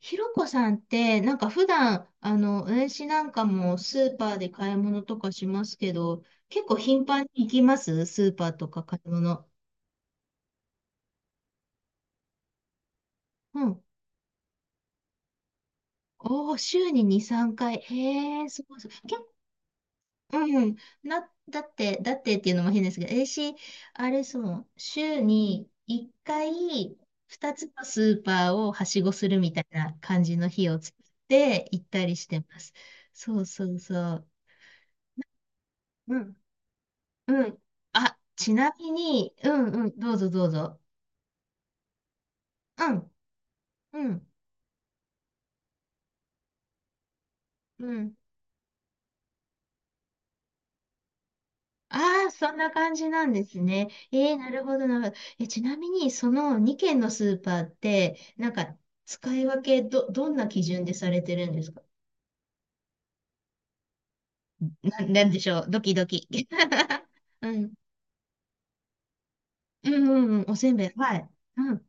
ひろこさんって、普段、私なんかもスーパーで買い物とかしますけど、結構頻繁に行きますスーパーとか買い物。うん。おー、週に2、3回。へえ、すごいすごい。うん。だってっていうのも変ですけど、私、あれそう、週に1回、2つのスーパーをはしごするみたいな感じの日を作って行ったりしてます。そうそうそう。うんうん。あ、ちなみに、うんうん、どうぞどうぞ。うん、うん、うん。ああ、そんな感じなんですね。なるほど、なるほど。え、ちなみに、その2軒のスーパーって、使い分け、どんな基準でされてるんですか？なんでしょう、ドキドキ。うん、うん、うん、うんおせんべい。はい。うん、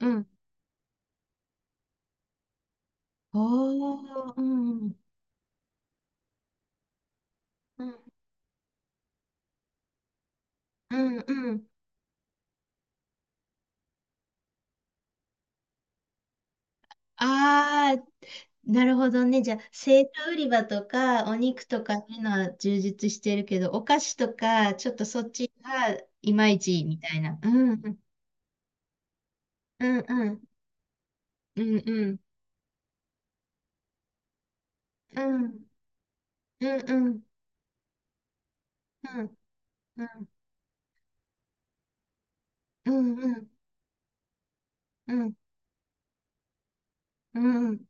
うん。おー、うん、うん、うん、うん。ああ、なるほどね。じゃあ生地売り場とかお肉とかのは充実してるけど、お菓子とかちょっとそっちがいまいちみたいな。うんうんうんうんうんうんうんうんうんうんうんうんうんうん。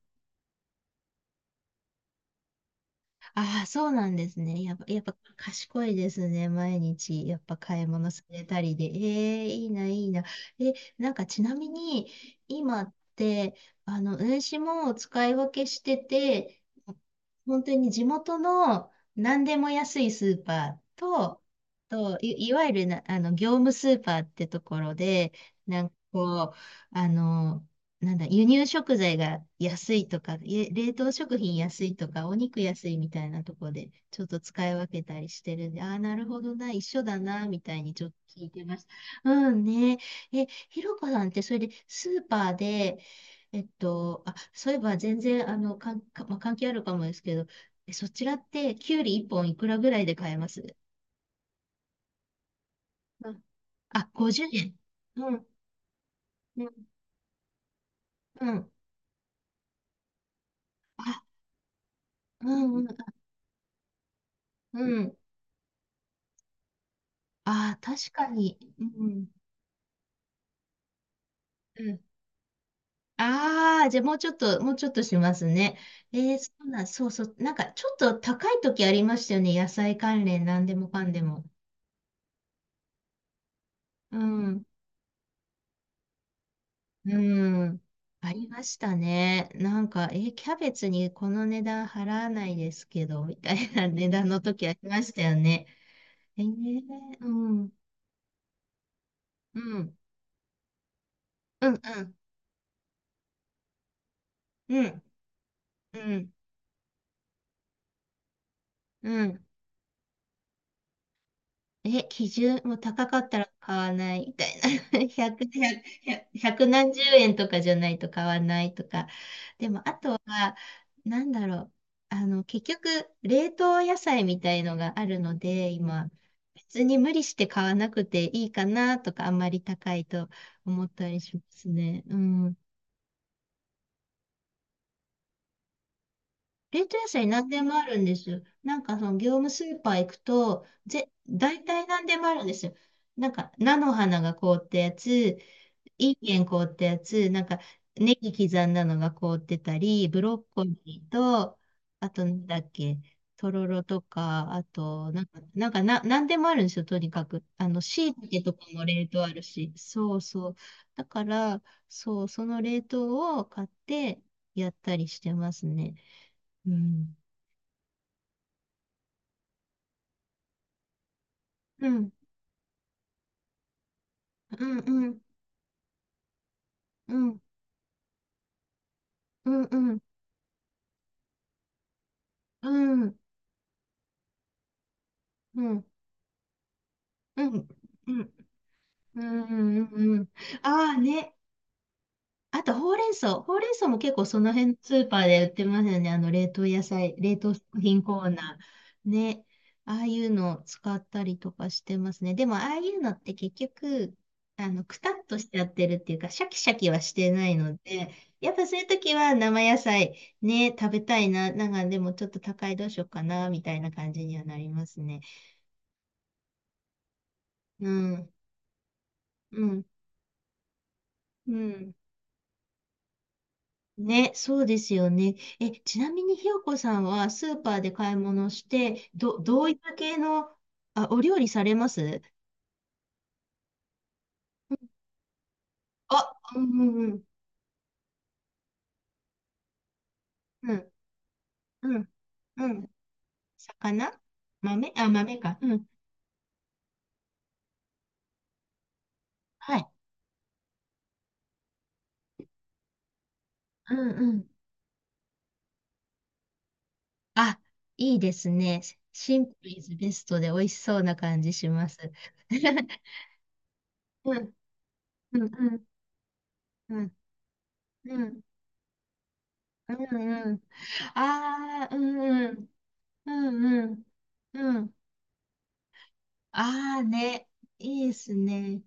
ああ、そうなんですね。やっぱ賢いですね。毎日、やっぱ買い物されたりで。ええいいな、いいな。え、なんかちなみに、今って、運指も使い分けしてて、本当に地元の何でも安いスーパーと、いわゆるな、業務スーパーってところで、なんかこう、あの、なんだ、輸入食材が安いとか、冷凍食品安いとか、お肉安いみたいなとこで、ちょっと使い分けたりしてるんで、ああ、なるほどな、一緒だな、みたいにちょっと聞いてました。うんね。え、ひろこさんって、それでスーパーで、あ、そういえば全然、かん、かまあ、関係あるかもですけど、えそちらって、きゅうり1本いくらぐらいで買えます？うんあ、50円。うん、うん、うん。あ、うん、うん、うん。ああ、確かに。うん。うん。ああ、じゃあもうちょっと、もうちょっとしますね。そうなん、そうそう。なんかちょっと高い時ありましたよね。野菜関連、なんでもかんでも。うん。うん。ありましたね。なんか、えーキャベツにこの値段払わないですけど、みたいな 値段の時ありましたよね。うん。うん。うん。うん。うん。うん。うん。え、基準もう高かったら買わないみたいな。100、1何十円とかじゃないと買わないとか。でも、あとは、なんだろう。結局、冷凍野菜みたいのがあるので、今、別に無理して買わなくていいかなとか、あんまり高いと思ったりしますね。うん。冷凍野菜何でもあるんですよ。なんか、その、業務スーパー行くと、大体何でもあるんですよ。なんか、菜の花が凍ったやつ、いい健ん凍ったやつ、なんか、ネギ刻んだのが凍ってたり、ブロッコリーと、あと、なんだっけ、とろろとか、あと、なんか、なんでもあるんですよ、とにかく。椎茸とかも冷凍あるし、そうそう。だから、そう、その冷凍を買ってやったりしてますね。うん。うん、うん、うん、うん、うん、うん、うん、うん、うん、うん、うん、うん、うん。ああね。あと、ほうれん草。ほうれん草も結構その辺のスーパーで売ってますよね。冷凍野菜、冷凍食品コーナー。ね。ああいうのを使ったりとかしてますね。でも、ああいうのって結局、くたっとしちゃってるっていうか、シャキシャキはしてないので、やっぱそういう時は生野菜ね、食べたいな。なんか、でもちょっと高いどうしようかな、みたいな感じにはなりますね。うん。うん。うん。ね、そうですよね。え、ちなみにひよこさんはスーパーで買い物して、どういった系の、あ、お料理されます？あ、うんうんうん、うん、うん、うん。魚豆あ、豆か。うん。はい。うんうん。あ、いいですね。シンプルイズベストで美味しそうな感じします。うん、うん、うん、うん、うん、うん、うん。ああ、うん、うん、うん、うん。うんああね、いいですね。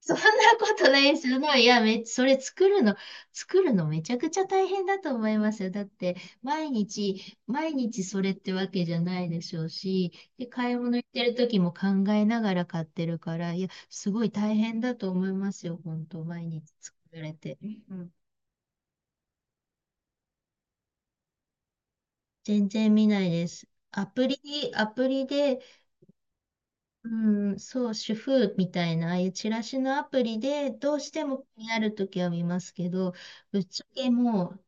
そんなことないですよ。いや、それ作るの、作るのめちゃくちゃ大変だと思いますよ。だって、毎日、毎日それってわけじゃないでしょうし、で、買い物行ってる時も考えながら買ってるから、いや、すごい大変だと思いますよ。本当、毎日作られて。うん全然見ないです。アプリで、うん、そう、主婦みたいな、ああいうチラシのアプリで、どうしても気になるときは見ますけど、ぶっちゃけもう、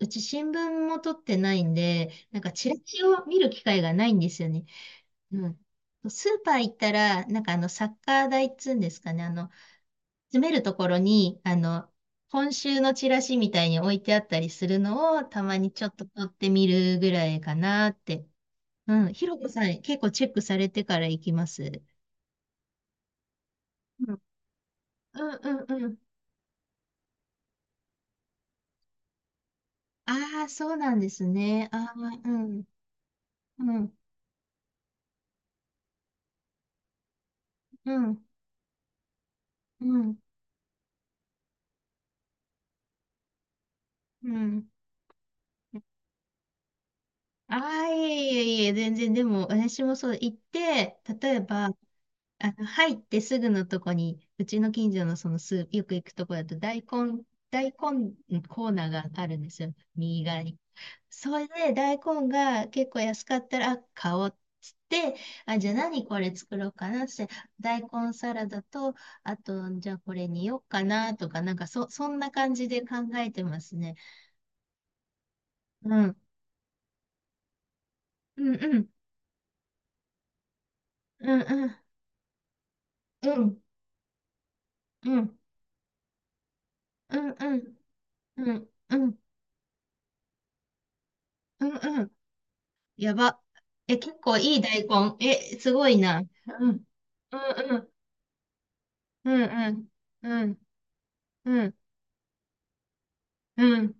うち新聞も取ってないんで、なんかチラシを見る機会がないんですよね。うん。スーパー行ったら、なんかサッカー台っつうんですかね、詰めるところに、今週のチラシみたいに置いてあったりするのを、たまにちょっと取ってみるぐらいかなって。うん。ひろこさん、結構チェックされてから行きます？うんうんうん。ああ、そうなんですね。ああ、うん、うん、うん、うん、うん。ああ、いえいえいえ、全然、でも、私もそう、行って、例えば、入ってすぐのとこに、うちの近所のそのスー、よく行くとこだと大根、大根コーナーがあるんですよ。右側に。それで大根が結構安かったら、あ、買おうっつって、あ、じゃあ何これ作ろうかなっつって、大根サラダと、あと、じゃあこれによっかなとか、なんかそんな感じで考えてますね。うん。うんうん。うんうん。うんうん。うんうん。うんうん。うんうん。やば。え、結構いい大根。え、すごいな。うん。うんうん。うんうん。うんうんうん。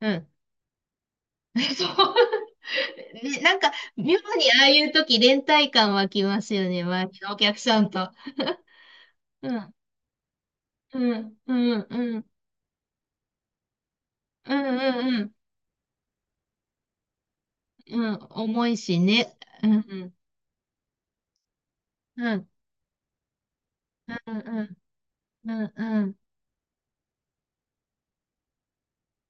うん。そう。ね、なんか、妙にああいう時連帯感湧きますよね。周りのお客さんと。うん。うん。うん。うん。うん。うん。うん。うん重いしね。うん。うん。うん。うん。うん。うん。うん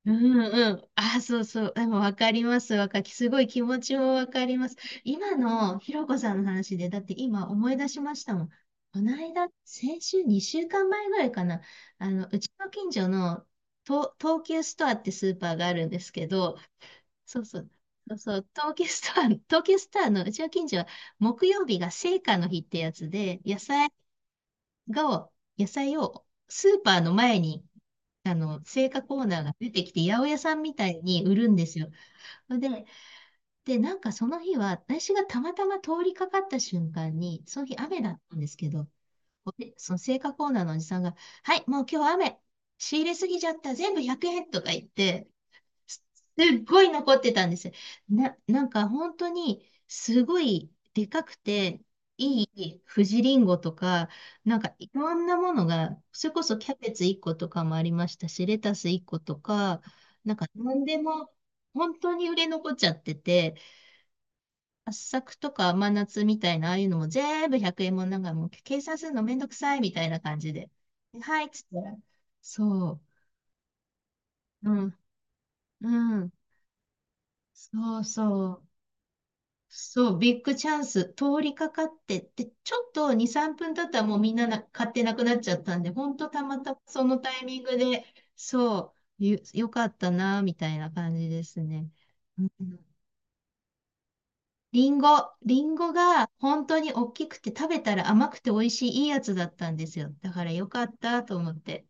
うんうん。あ、そうそう。でもわかります。すごい気持ちもわかります。今のひろこさんの話で、だって今思い出しましたもん。この間、先週2週間前ぐらいかな。うちの近所の東急ストアってスーパーがあるんですけど、そうそう。そうそう。東急ストアのうちの近所は木曜日が青果の日ってやつで、が、野菜をスーパーの前に青果コーナーが出てきて、八百屋さんみたいに売るんですよ。で、で、なんかその日は、私がたまたま通りかかった瞬間に、その日雨だったんですけど、でその青果コーナーのおじさんが、はい、もう今日雨、仕入れすぎちゃった、全部100円とか言って、すっごい残ってたんですよ。なんか本当にすごいでかくていい富士リンゴとか、なんかいろんなものが、それこそキャベツ1個とかもありましたし、レタス1個とか、なんか何でも本当に売れ残っちゃってて、圧搾とか甘夏みたいな、ああいうのも全部100円もんなんかもう計算するのめんどくさいみたいな感じで。ではいっつったら、そう、うん、うん、そうそう。そう、ビッグチャンス、通りかかってって、ちょっと2、3分経ったらもうみんな買ってなくなっちゃったんで、ほんとたまたまそのタイミングで、そう、よかったな、みたいな感じですね。うんリンゴ、リンゴが本当に大きくて食べたら甘くて美味しいいいやつだったんですよ。だからよかったと思って。